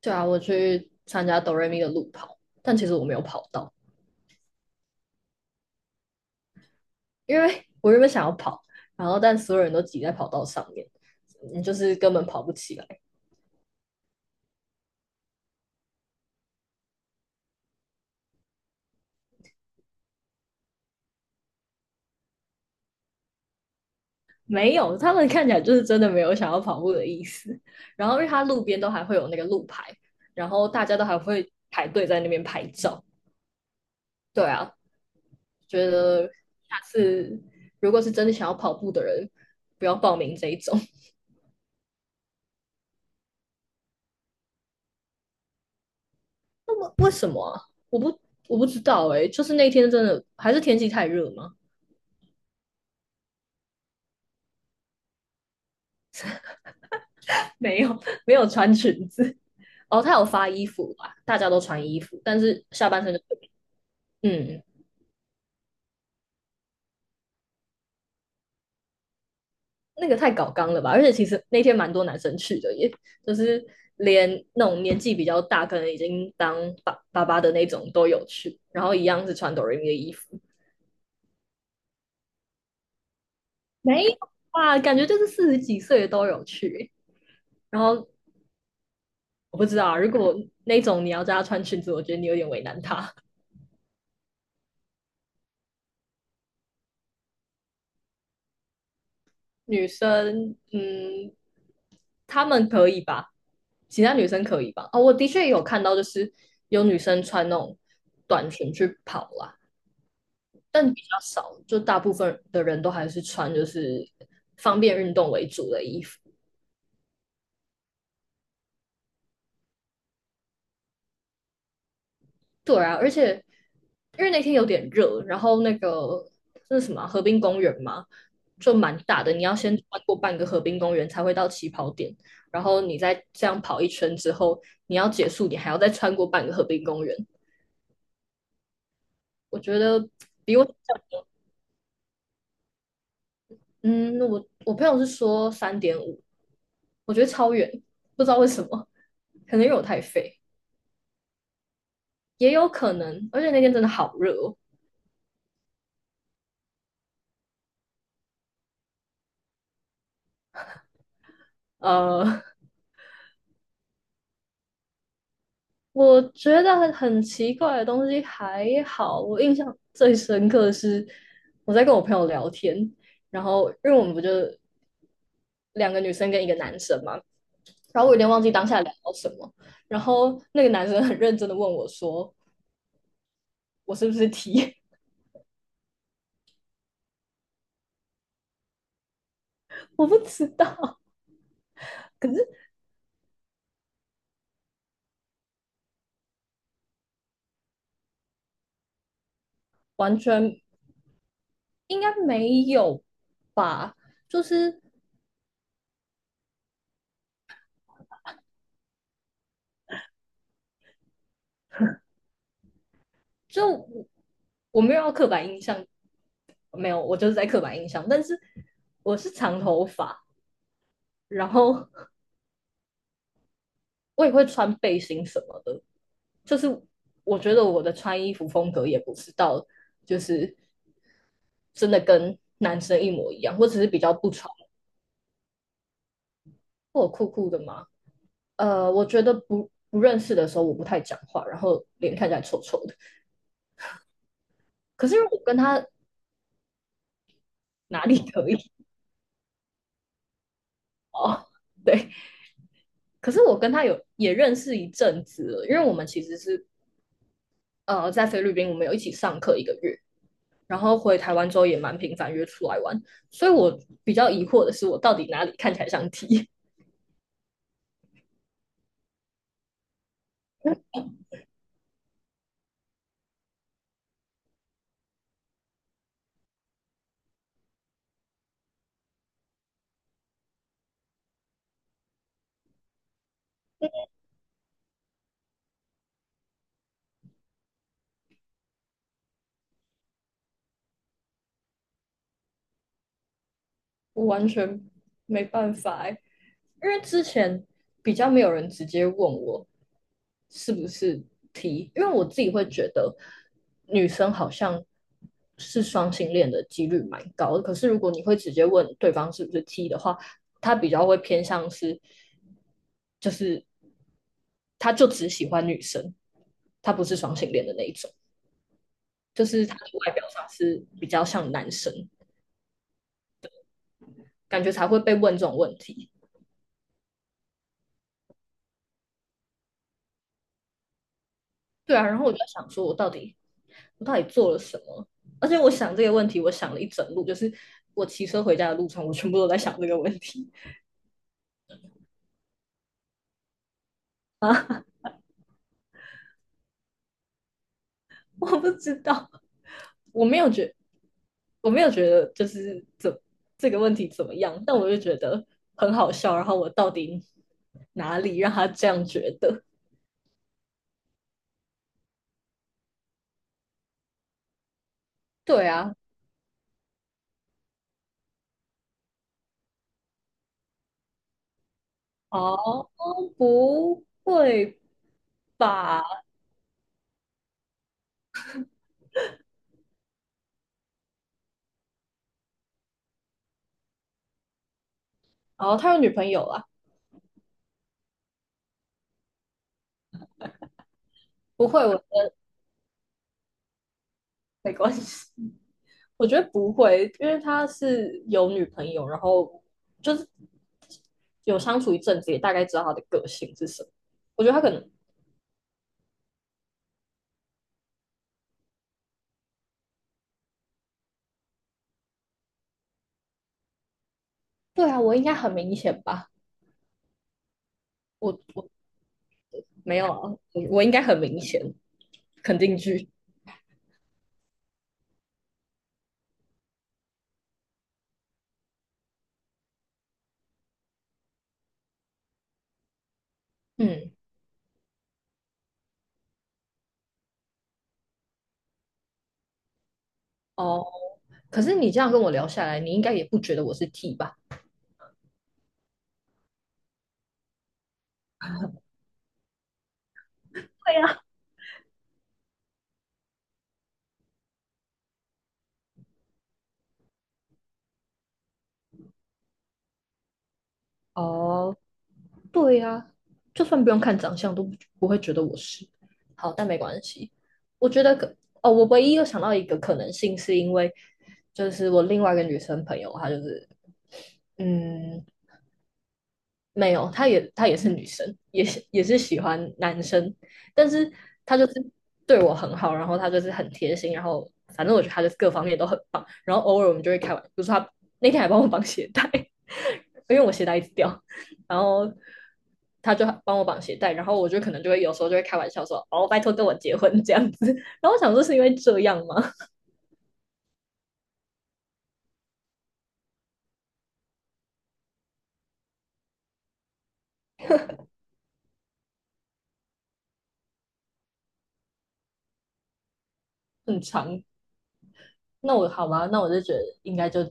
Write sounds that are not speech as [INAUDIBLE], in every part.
对啊，我去参加哆瑞咪的路跑，但其实我没有跑到，因为我原本想要跑，然后但所有人都挤在跑道上面，你就是根本跑不起来。没有，他们看起来就是真的没有想要跑步的意思。然后因为它路边都还会有那个路牌，然后大家都还会排队在那边拍照。对啊，觉得下次如果是真的想要跑步的人，不要报名这一种。那么为什么啊？我不我不知道哎、就是那天真的还是天气太热吗？没有 [LAUGHS] 没有穿裙子。哦，他有发衣服吧，大家都穿衣服，但是下半身就嗯，太搞纲了吧？而且其实那天蛮多男生去的耶，就是连那种年纪比较大，可能已经当爸爸的那种都有去，然后一样是穿哆瑞咪的衣服。没有啊，感觉就是40几岁的都有去耶。然后我不知道啊，如果那种你要叫他穿裙子，我觉得你有点为难他。女生，嗯，她们可以吧？其他女生可以吧？哦，我的确有看到，就是有女生穿那种短裙去跑啦，但比较少，就大部分的人都还是穿就是方便运动为主的衣服。对啊，而且因为那天有点热，然后那是什么啊河滨公园嘛，就蛮大的，你要先穿过半个河滨公园才会到起跑点，然后你再这样跑一圈之后，你要结束，你还要再穿过半个河滨公园。我觉得比我。嗯，我朋友是说3.5，我觉得超远，不知道为什么，可能因为我太废，也有可能，而且那天真的好热哦。呃，我觉得很奇怪的东西还好，我印象最深刻的是我在跟我朋友聊天，然后因为我们不就两个女生跟一个男生嘛，然后我有点忘记当下聊到什么，然后那个男生很认真的问我说我是不是 T，[LAUGHS] 我不知道，可是完全应该没有吧，就是就我我没有要刻板印象，没有，我就是在刻板印象，但是我是长头发。然后我也会穿背心什么的，就是我觉得我的穿衣服风格也不是到就是真的跟男生一模一样，我只是比较不穿，我酷酷的嘛。我觉得不认识的时候我不太讲话，然后脸看起来臭臭的。可是如果跟他哪里可以。哦，[LAUGHS] 对，可是我跟他有也认识一阵子了，因为我们其实是在菲律宾，我们有一起上课1个月，然后回台湾之后也蛮频繁约出来玩，所以我比较疑惑的是，我到底哪里看起来像 T？[LAUGHS] 我完全没办法欸，因为之前比较没有人直接问我是不是 T，因为我自己会觉得女生好像是双性恋的几率蛮高的，可是如果你会直接问对方是不是 T 的话，他比较会偏向是，就是他就只喜欢女生，他不是双性恋的那一种。就是他的外表上是比较像男生，感觉才会被问这种问题。对啊，然后我就在想说，我到底做了什么？而且我想这个问题，我想了一整路，就是我骑车回家的路上，我全部都在想这个问题。[LAUGHS] 我不知道，我没有觉得，我没有觉得就是这个问题怎么样，但我就觉得很好笑。然后我到底哪里让他这样觉得？对啊。哦，不会吧？哦，他有女朋友啦，不会，我没关系。[LAUGHS] 我觉得不会，因为他是有女朋友，然后就是有相处一阵子，也大概知道他的个性是什么。我觉得他可能。对啊，我应该很明显吧？我没有啊，我应该很明显，肯定句。嗯。哦，可是你这样跟我聊下来，你应该也不觉得我是 T 吧？对呀。哦，对呀、就算不用看长相，都不会觉得我是。好，但没关系。我觉得可。哦，我唯一又想到一个可能性，是因为就是我另外一个女生朋友，她就是嗯，没有，她也是女生，也是喜欢男生，但是她就是对我很好，然后她就是很贴心，然后反正我觉得她就是各方面都很棒。然后偶尔我们就会开玩，比如说她那天还帮我绑鞋带，[LAUGHS] 因为我鞋带一直掉，然后她就帮我绑鞋带，然后我就可能就会有时候就会开玩笑说：“哦，拜托跟我结婚这样子。[LAUGHS]”然后我想说是因为这样吗？[LAUGHS] 很长。那我好吧，那我就觉得应该就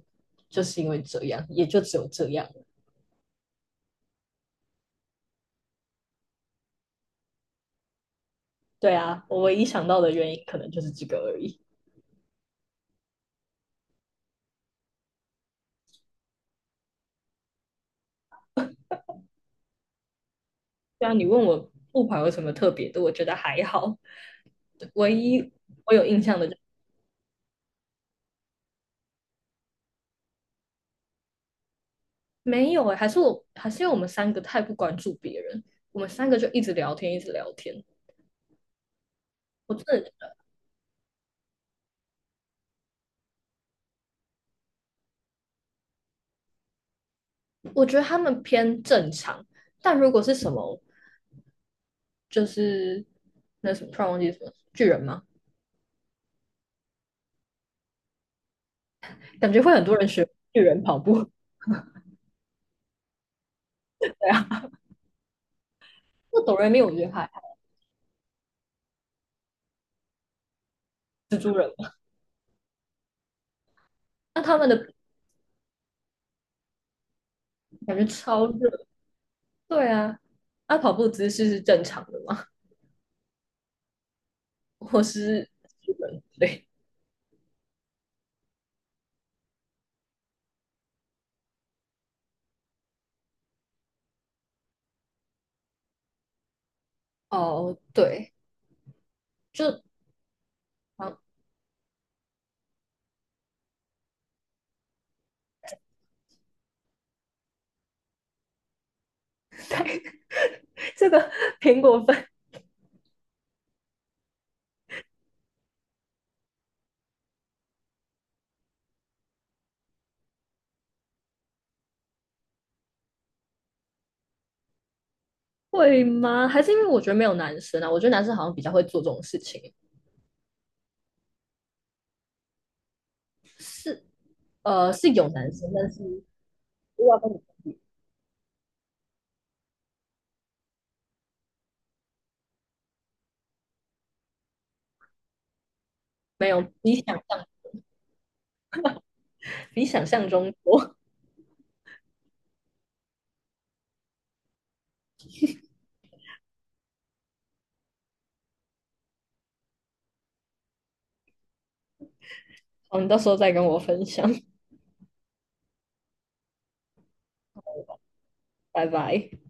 就是因为这样，也就只有这样。对啊，我唯一想到的原因可能就是这个而已。对啊，你问我木牌有什么特别的，我觉得还好。唯一我有印象的就没有哎、还是我还是因为我们三个太不关注别人，我们三个就一直聊天，一直聊天。我真的。我觉得他们偏正常，但如果是什么就是那什么突然忘记什么巨人吗？感觉会很多人学巨人跑步。对啊，那哆瑞咪我觉得还好。蜘蛛人嘛。那他们的感觉超热。对啊，那、跑步姿势是正常的吗？[LAUGHS] 我是日本对。哦，对，就啊，[LAUGHS] 对这个苹果分会吗？还是因为我觉得没有男生啊？我觉得男生好像比较会做这种事情，是是有男生，但是如果要跟你没有比想象中多。[LAUGHS] 好，你到时候再跟我分享，[LAUGHS] 拜拜。